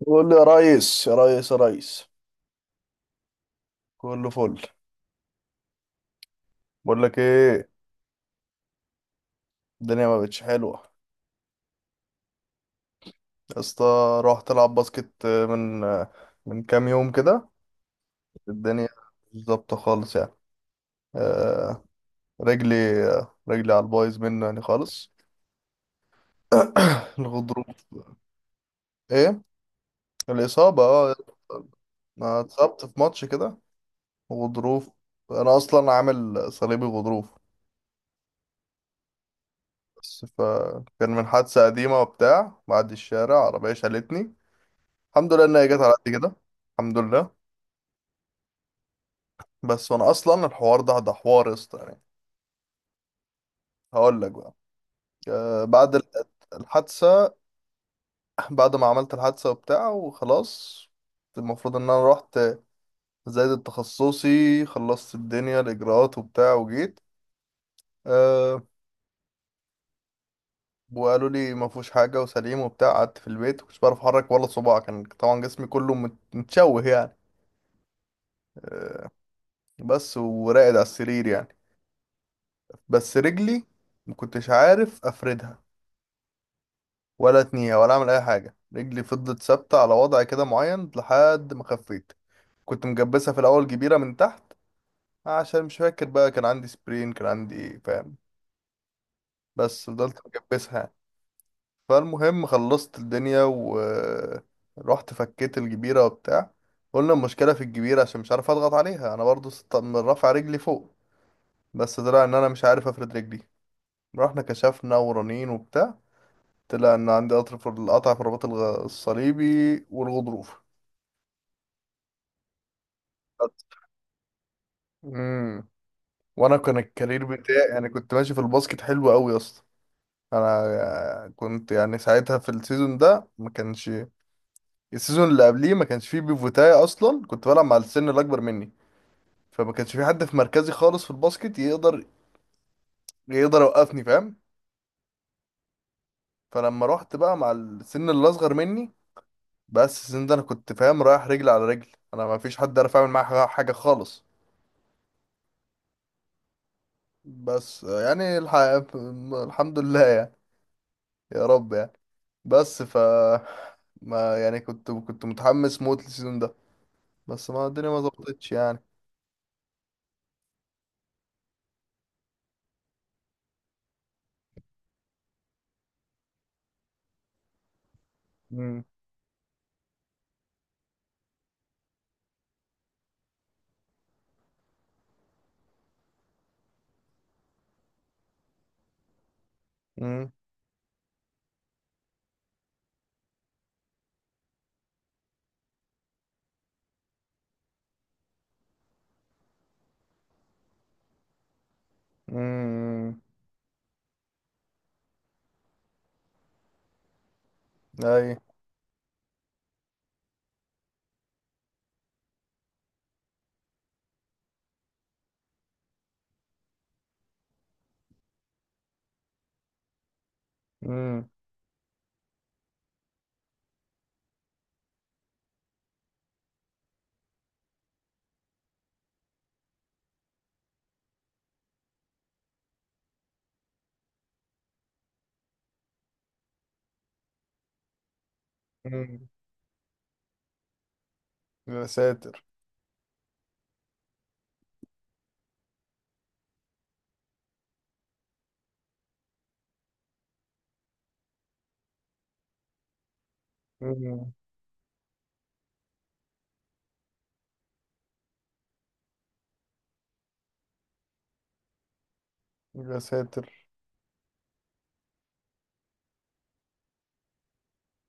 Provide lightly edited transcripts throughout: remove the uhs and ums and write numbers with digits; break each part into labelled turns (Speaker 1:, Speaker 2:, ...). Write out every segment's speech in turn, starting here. Speaker 1: بقول له يا ريس يا ريس يا ريس. كله فل. بقول لك ايه؟ الدنيا ما بقتش حلوه يا اسطى. رحت العب باسكت من كام يوم كده. الدنيا مش ظابطه خالص يعني. آه. رجلي رجلي على البايظ منه يعني خالص. الغضروف. ايه الاصابه اه. انا اتصبت في ماتش كده. غضروف. انا اصلا عامل صليبي غضروف. بس فكان من حادثه قديمه وبتاع بعد الشارع عربيه شالتني. الحمد لله ان هي جت على قد كده. الحمد لله. بس وانا اصلا الحوار ده حوار يا اسطى يعني. هقول لك بقى. بعد الحادثه. بعد ما عملت الحادثه وبتاع وخلاص. المفروض ان انا رحت. زايد تخصصي خلصت الدنيا الاجراءات وبتاع وجيت. أه. وقالوا لي ما فيهوش حاجه وسليم وبتاع. قعدت في البيت مش بعرف احرك ولا صباع. كان طبعا جسمي كله متشوه يعني. أه. بس وراقد على السرير يعني. بس رجلي ما كنتش عارف افردها ولا اتنيه ولا اعمل اي حاجه. رجلي فضلت ثابته على وضع كده معين لحد ما خفيت. كنت مجبسها في الاول كبيره من تحت عشان مش فاكر بقى. كان عندي سبرين كان عندي ايه فاهم. بس فضلت مجبسها يعني. فالمهم خلصت الدنيا ورحت فكيت الجبيره وبتاع. قلنا المشكله في الجبيره عشان مش عارف اضغط عليها انا برضو، من رافع رجلي فوق. بس طلع ان انا مش عارف افرد رجلي. رحنا كشفنا ورنين وبتاع. طلع ان عندي قطر في القطع في الرباط الصليبي والغضروف. امم. وانا كان الكارير بتاعي، انا كنت ماشي في الباسكت حلو قوي يا اسطى. انا كنت يعني ساعتها في السيزون ده ما كانش. السيزون اللي قبليه ما كانش فيه بيفوتاي اصلا، كنت بلعب مع السن الاكبر مني. فما كانش في حد في مركزي خالص في الباسكت يقدر يوقفني فاهم. فلما رحت بقى مع السن اللي اصغر مني، بس السن ده انا كنت فاهم رايح رجل على رجل. انا ما فيش حد عارف اعمل معاه حاجة خالص. بس يعني الحمد لله يعني. يا رب يعني. بس ما يعني كنت متحمس موت للسيزون ده. بس ما الدنيا ما ظبطتش يعني. امم. امم. امم. اي. امم. امم. يا ساتر. امم. يا ساتر.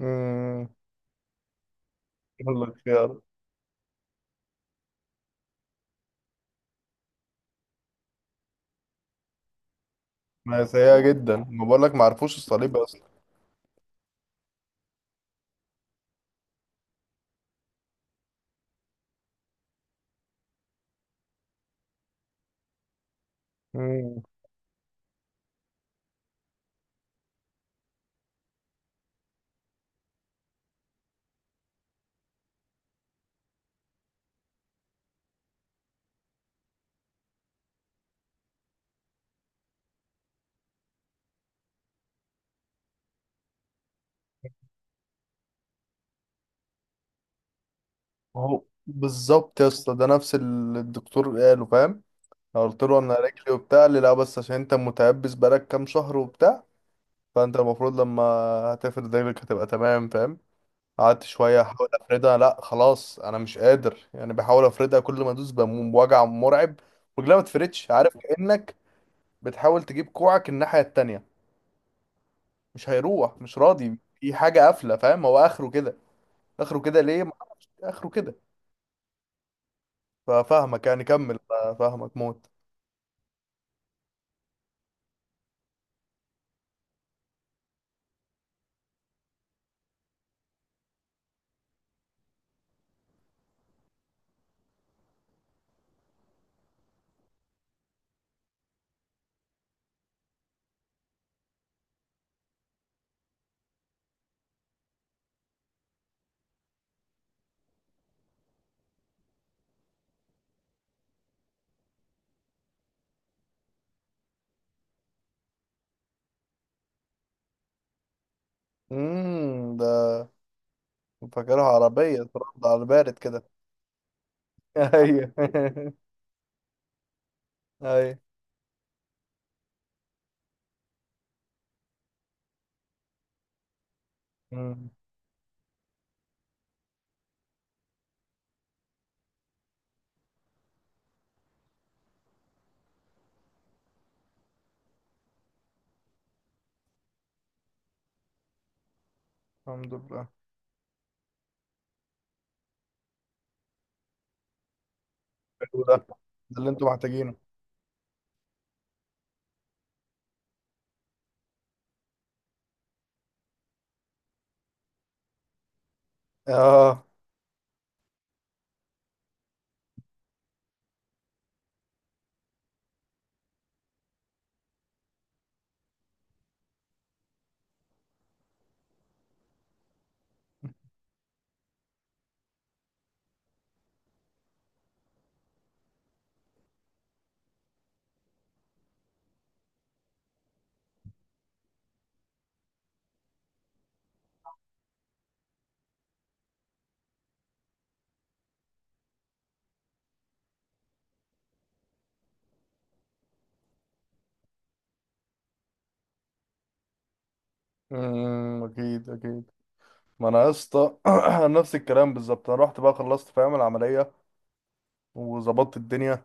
Speaker 1: امم. والله خيار. ما هي سيئة جدا، ما بقول لك، ما عرفوش الصليب اصلا. امم. اهو بالظبط يا اسطى، ده نفس اللي الدكتور قاله فاهم. أنا قلت له انا رجلي وبتاع، قال لي لا بس عشان انت متيبس بقالك كام شهر وبتاع. فانت المفروض لما هتفرد رجلك هتبقى تمام فاهم. قعدت شويه احاول افردها. لا خلاص، انا مش قادر يعني. بحاول افردها، كل ما ادوس بموم بوجع مرعب. رجلها ما تفردش. عارف كانك بتحاول تجيب كوعك الناحيه التانية، مش هيروح، مش راضي، في حاجه قافله فاهم. هو اخره كده. اخره كده ليه؟ ما اعرفش. اخره كده. ففاهمك يعني، كمل. فاهمك موت. امم. ده فاكرها عربيه ترد على البارد كده. ايوه ايوه. أمم. الحمد لله. حلو ده. ده اللي انتوا محتاجينه. اه. امم، اكيد اكيد. ما انا يا اسطى نفس الكلام بالظبط. انا رحت بقى، خلصت فاهم العمليه وظبطت الدنيا.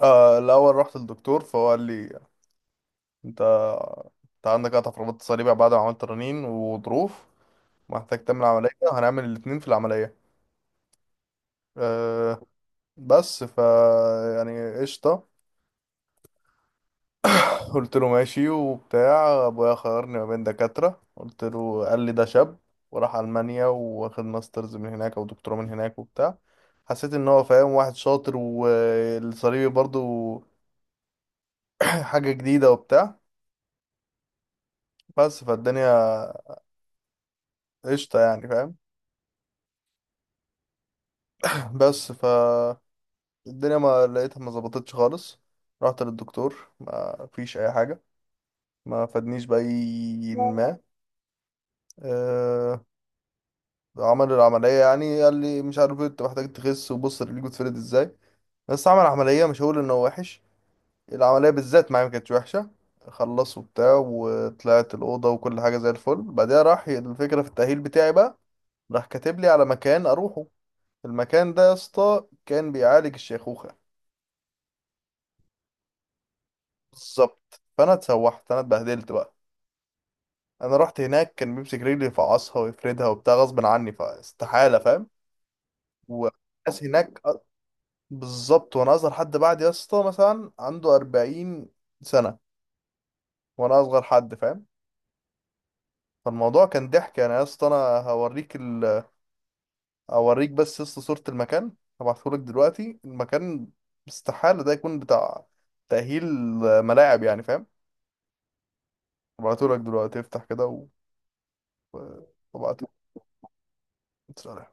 Speaker 1: آه، الاول رحت للدكتور فهو قال لي، انت انت عندك قطع في رباط الصليبي بعد ما عملت رنين وظروف. محتاج تعمل عمليه، هنعمل الاتنين في العمليه. آه. بس يعني قشطه. قلت له ماشي وبتاع. ابويا خيرني ما بين دكاترة، قلت له، قال لي ده شاب وراح ألمانيا واخد ماسترز من هناك او دكتوراه من هناك وبتاع. حسيت ان هو فاهم، واحد شاطر، والصليبي برضو حاجة جديدة وبتاع. بس فالدنيا قشطة يعني فاهم. بس فالدنيا ما لقيتها. ما ظبطتش خالص. رحت للدكتور ما فيش اي حاجة. ما فادنيش بأي ما. آه، عمل العملية يعني. قال لي مش عارف إيه، انت محتاج تخس، وبص رجليك بتفرد ازاي. بس عمل عملية مش هقول انه وحش. العملية بالذات معايا ما كانتش وحشة. خلص وبتاع وطلعت الأوضة وكل حاجة زي الفل. بعدها راح الفكرة في التأهيل بتاعي بقى. راح كاتب لي على مكان أروحه. المكان ده يا اسطى كان بيعالج الشيخوخة. بالظبط. فأنا اتسوحت، أنا اتبهدلت بقى. أنا رحت هناك كان بيمسك رجلي، يفعصها ويفردها وبتاع غصب عني، فاستحالة فاهم. والناس هناك، بالظبط، وانا اصغر حد. بعد يا اسطى مثلا عنده 40 سنه، وانا اصغر حد فاهم. فالموضوع كان ضحك يعني يا اسطى. انا هوريك اوريك بس يا اسطى صوره المكان. هبعتهولك دلوقتي المكان. استحاله ده يكون بتاع تاهيل ملاعب يعني فاهم. هبعتهولك دلوقتي، افتح كده وابعتهولك. سلام.